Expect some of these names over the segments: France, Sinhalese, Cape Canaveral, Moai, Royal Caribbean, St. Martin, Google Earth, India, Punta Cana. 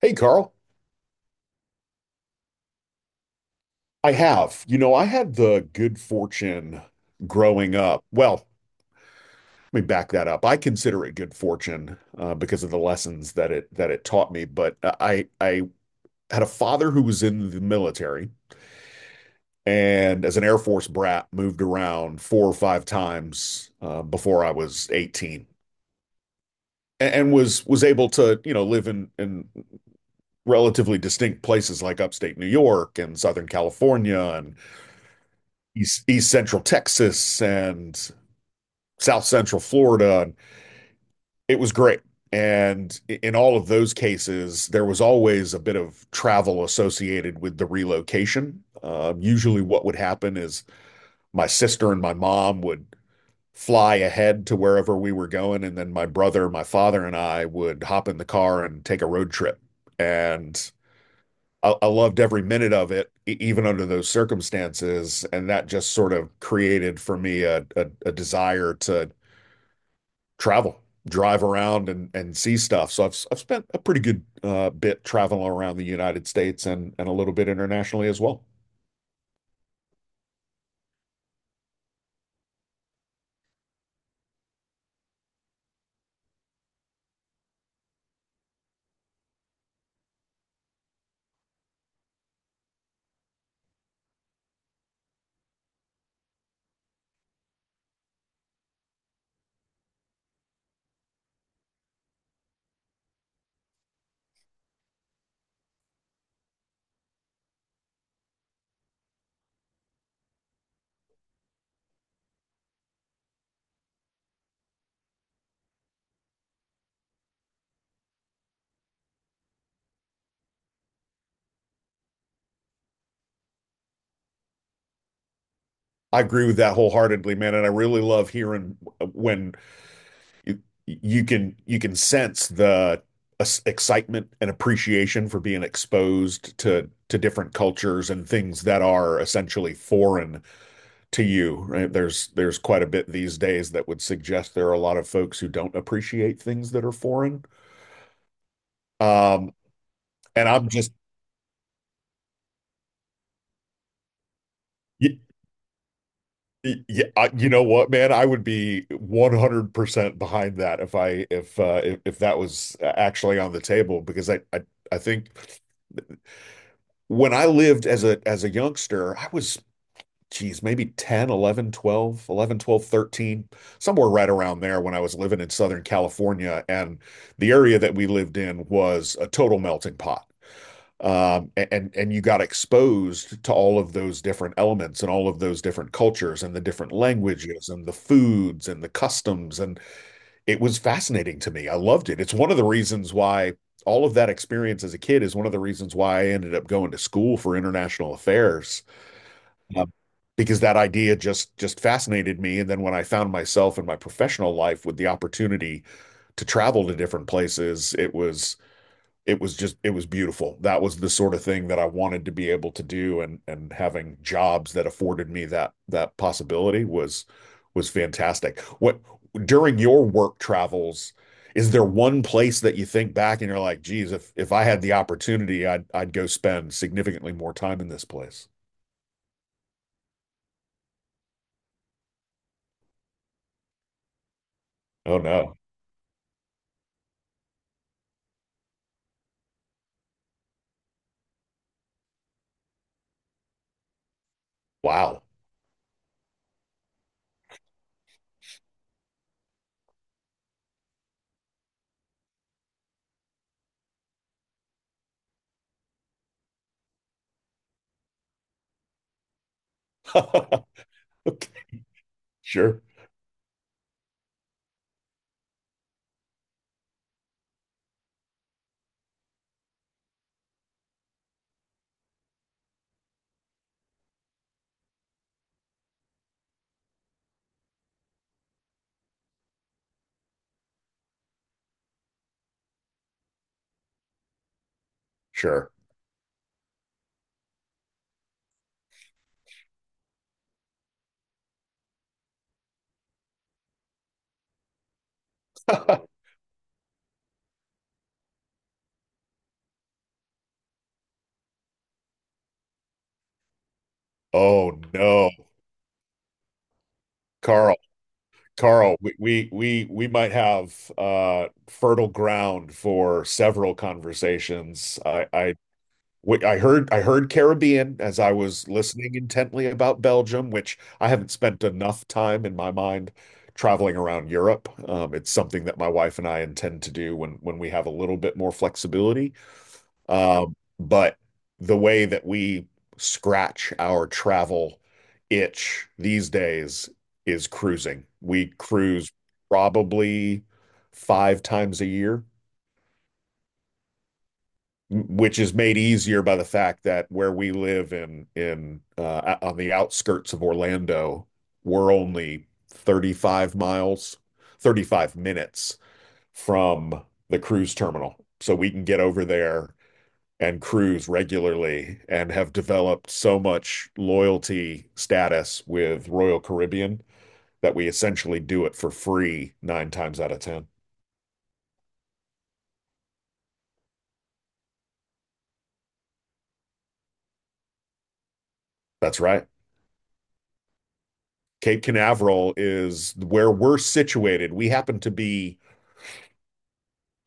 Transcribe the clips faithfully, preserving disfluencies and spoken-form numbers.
Hey, Carl. I have. You know, I had the good fortune growing up. Well, let me back that up. I consider it good fortune uh, because of the lessons that it that it taught me. But uh, I I had a father who was in the military, and as an Air Force brat, moved around four or five times uh, before I was eighteen. And, and was was able to, you know, live in in relatively distinct places like upstate New York and Southern California and East, East Central Texas and South Central Florida. And it was great. And in all of those cases, there was always a bit of travel associated with the relocation. Um, usually, what would happen is my sister and my mom would fly ahead to wherever we were going. And then my brother, my father, and I would hop in the car and take a road trip. And I, I loved every minute of it, e- even under those circumstances. And that just sort of created for me a, a, a desire to travel, drive around, and and see stuff. So I've I've spent a pretty good uh, bit traveling around the United States and and a little bit internationally as well. I agree with that wholeheartedly, man, and I really love hearing uh, when you you can you can sense the ex- excitement and appreciation for being exposed to to different cultures and things that are essentially foreign to you, right? There's there's quite a bit these days that would suggest there are a lot of folks who don't appreciate things that are foreign. Um, And I'm just, y- yeah, you know what, man? I would be one hundred percent behind that if I if uh, if, if that was uh, actually on the table because I, I I think when I lived as a as a youngster, I was, geez, maybe ten, eleven, twelve, eleven, twelve, thirteen, somewhere right around there, when I was living in Southern California. And the area that we lived in was a total melting pot. Um, and and you got exposed to all of those different elements and all of those different cultures and the different languages and the foods and the customs, and it was fascinating to me. I loved it. It's one of the reasons why all of that experience as a kid is one of the reasons why I ended up going to school for international affairs, um, because that idea just just fascinated me. And then when I found myself in my professional life with the opportunity to travel to different places, it was, it was just it was beautiful. That was the sort of thing that I wanted to be able to do, and and having jobs that afforded me that that possibility was was fantastic. What, during your work travels, is there one place that you think back and you're like, geez, if if I had the opportunity, i'd I'd go spend significantly more time in this place? Oh no. Wow. okay. Sure. Sure. oh no. carl Carl, we we we, we might have uh, fertile ground for several conversations. I, I we- I heard, I heard Caribbean, as I was listening intently about Belgium, which I haven't spent enough time in. My mind traveling around Europe. Um, it's something that my wife and I intend to do when when we have a little bit more flexibility. Um, but the way that we scratch our travel itch these days is cruising. We cruise probably five times a year, which is made easier by the fact that where we live in in uh, on the outskirts of Orlando, we're only thirty-five miles, thirty-five minutes from the cruise terminal. So we can get over there and cruise regularly, and have developed so much loyalty status with Royal Caribbean that we essentially do it for free nine times out of ten. That's right. Cape Canaveral is where we're situated. We happen to be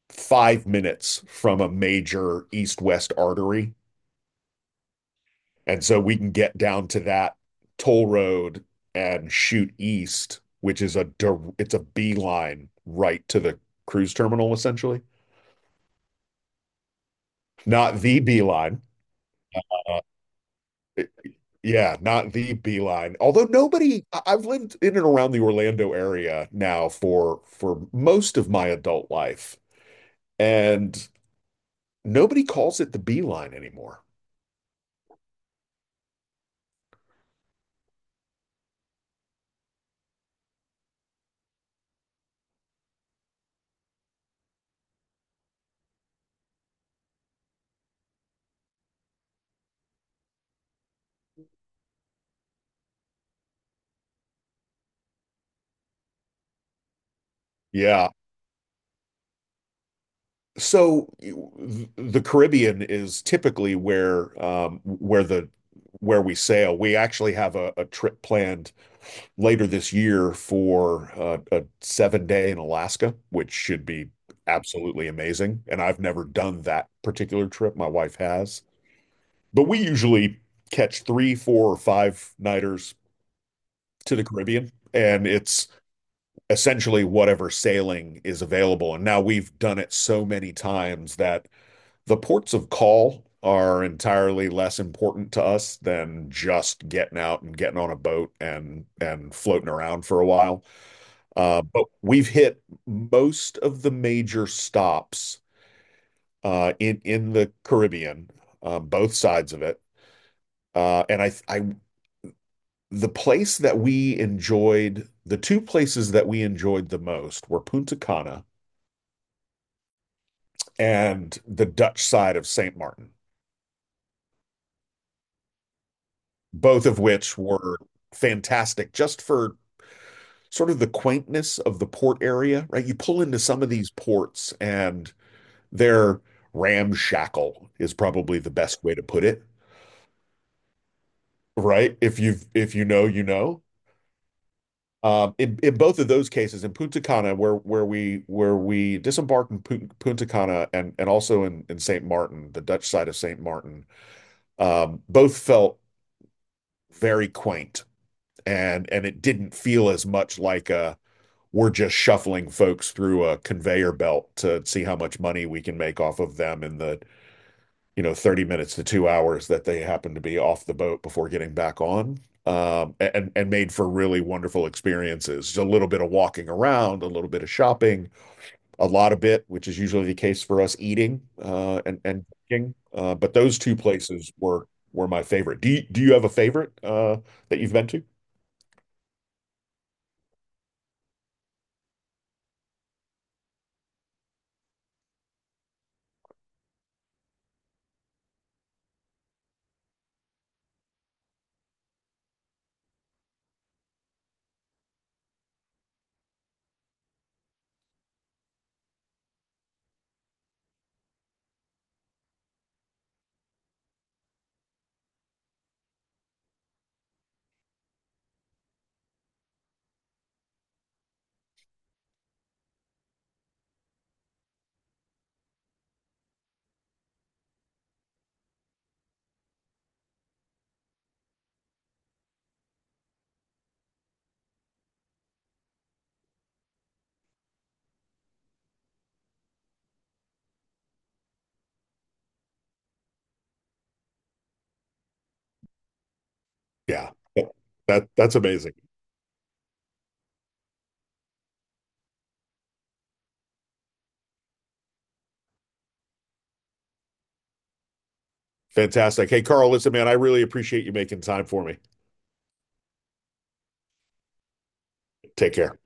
five minutes from a major east west artery. And so we can get down to that toll road and shoot east, which is a, it's a beeline right to the cruise terminal essentially. Not the Beeline. Uh, yeah, not the Beeline. Although nobody, I've lived in and around the Orlando area now for for most of my adult life, and nobody calls it the Beeline anymore. Yeah. So the Caribbean is typically where um, where the where we sail. We actually have a, a trip planned later this year for uh, a seven day in Alaska, which should be absolutely amazing. And I've never done that particular trip. My wife has, but we usually catch three, four, or five nighters to the Caribbean, and it's essentially whatever sailing is available. And now we've done it so many times that the ports of call are entirely less important to us than just getting out and getting on a boat and and floating around for a while. Uh, but we've hit most of the major stops, uh, in in the Caribbean, uh, both sides of it. Uh, and I, I The place that we enjoyed, the two places that we enjoyed the most were Punta Cana and the Dutch side of Saint Martin, both of which were fantastic just for sort of the quaintness of the port area, right? You pull into some of these ports and they're, ramshackle is probably the best way to put it, right? If you've, if you know, you know. Um, in, in both of those cases, in Punta Cana, where where we where we disembarked in Punta Cana, and and also in in Saint Martin, the Dutch side of Saint Martin, um, both felt very quaint, and and it didn't feel as much like a, we're just shuffling folks through a conveyor belt to see how much money we can make off of them in the, you know, thirty minutes to two hours that they happen to be off the boat before getting back on. Um, and and made for really wonderful experiences. Just a little bit of walking around, a little bit of shopping, a lot of bit, which is usually the case for us, eating uh, and and drinking. Uh, but those two places were were my favorite. Do you, do you have a favorite uh, that you've been to? Yeah, that that's amazing, fantastic. Hey, Carl, listen, man, I really appreciate you making time for me. Take care.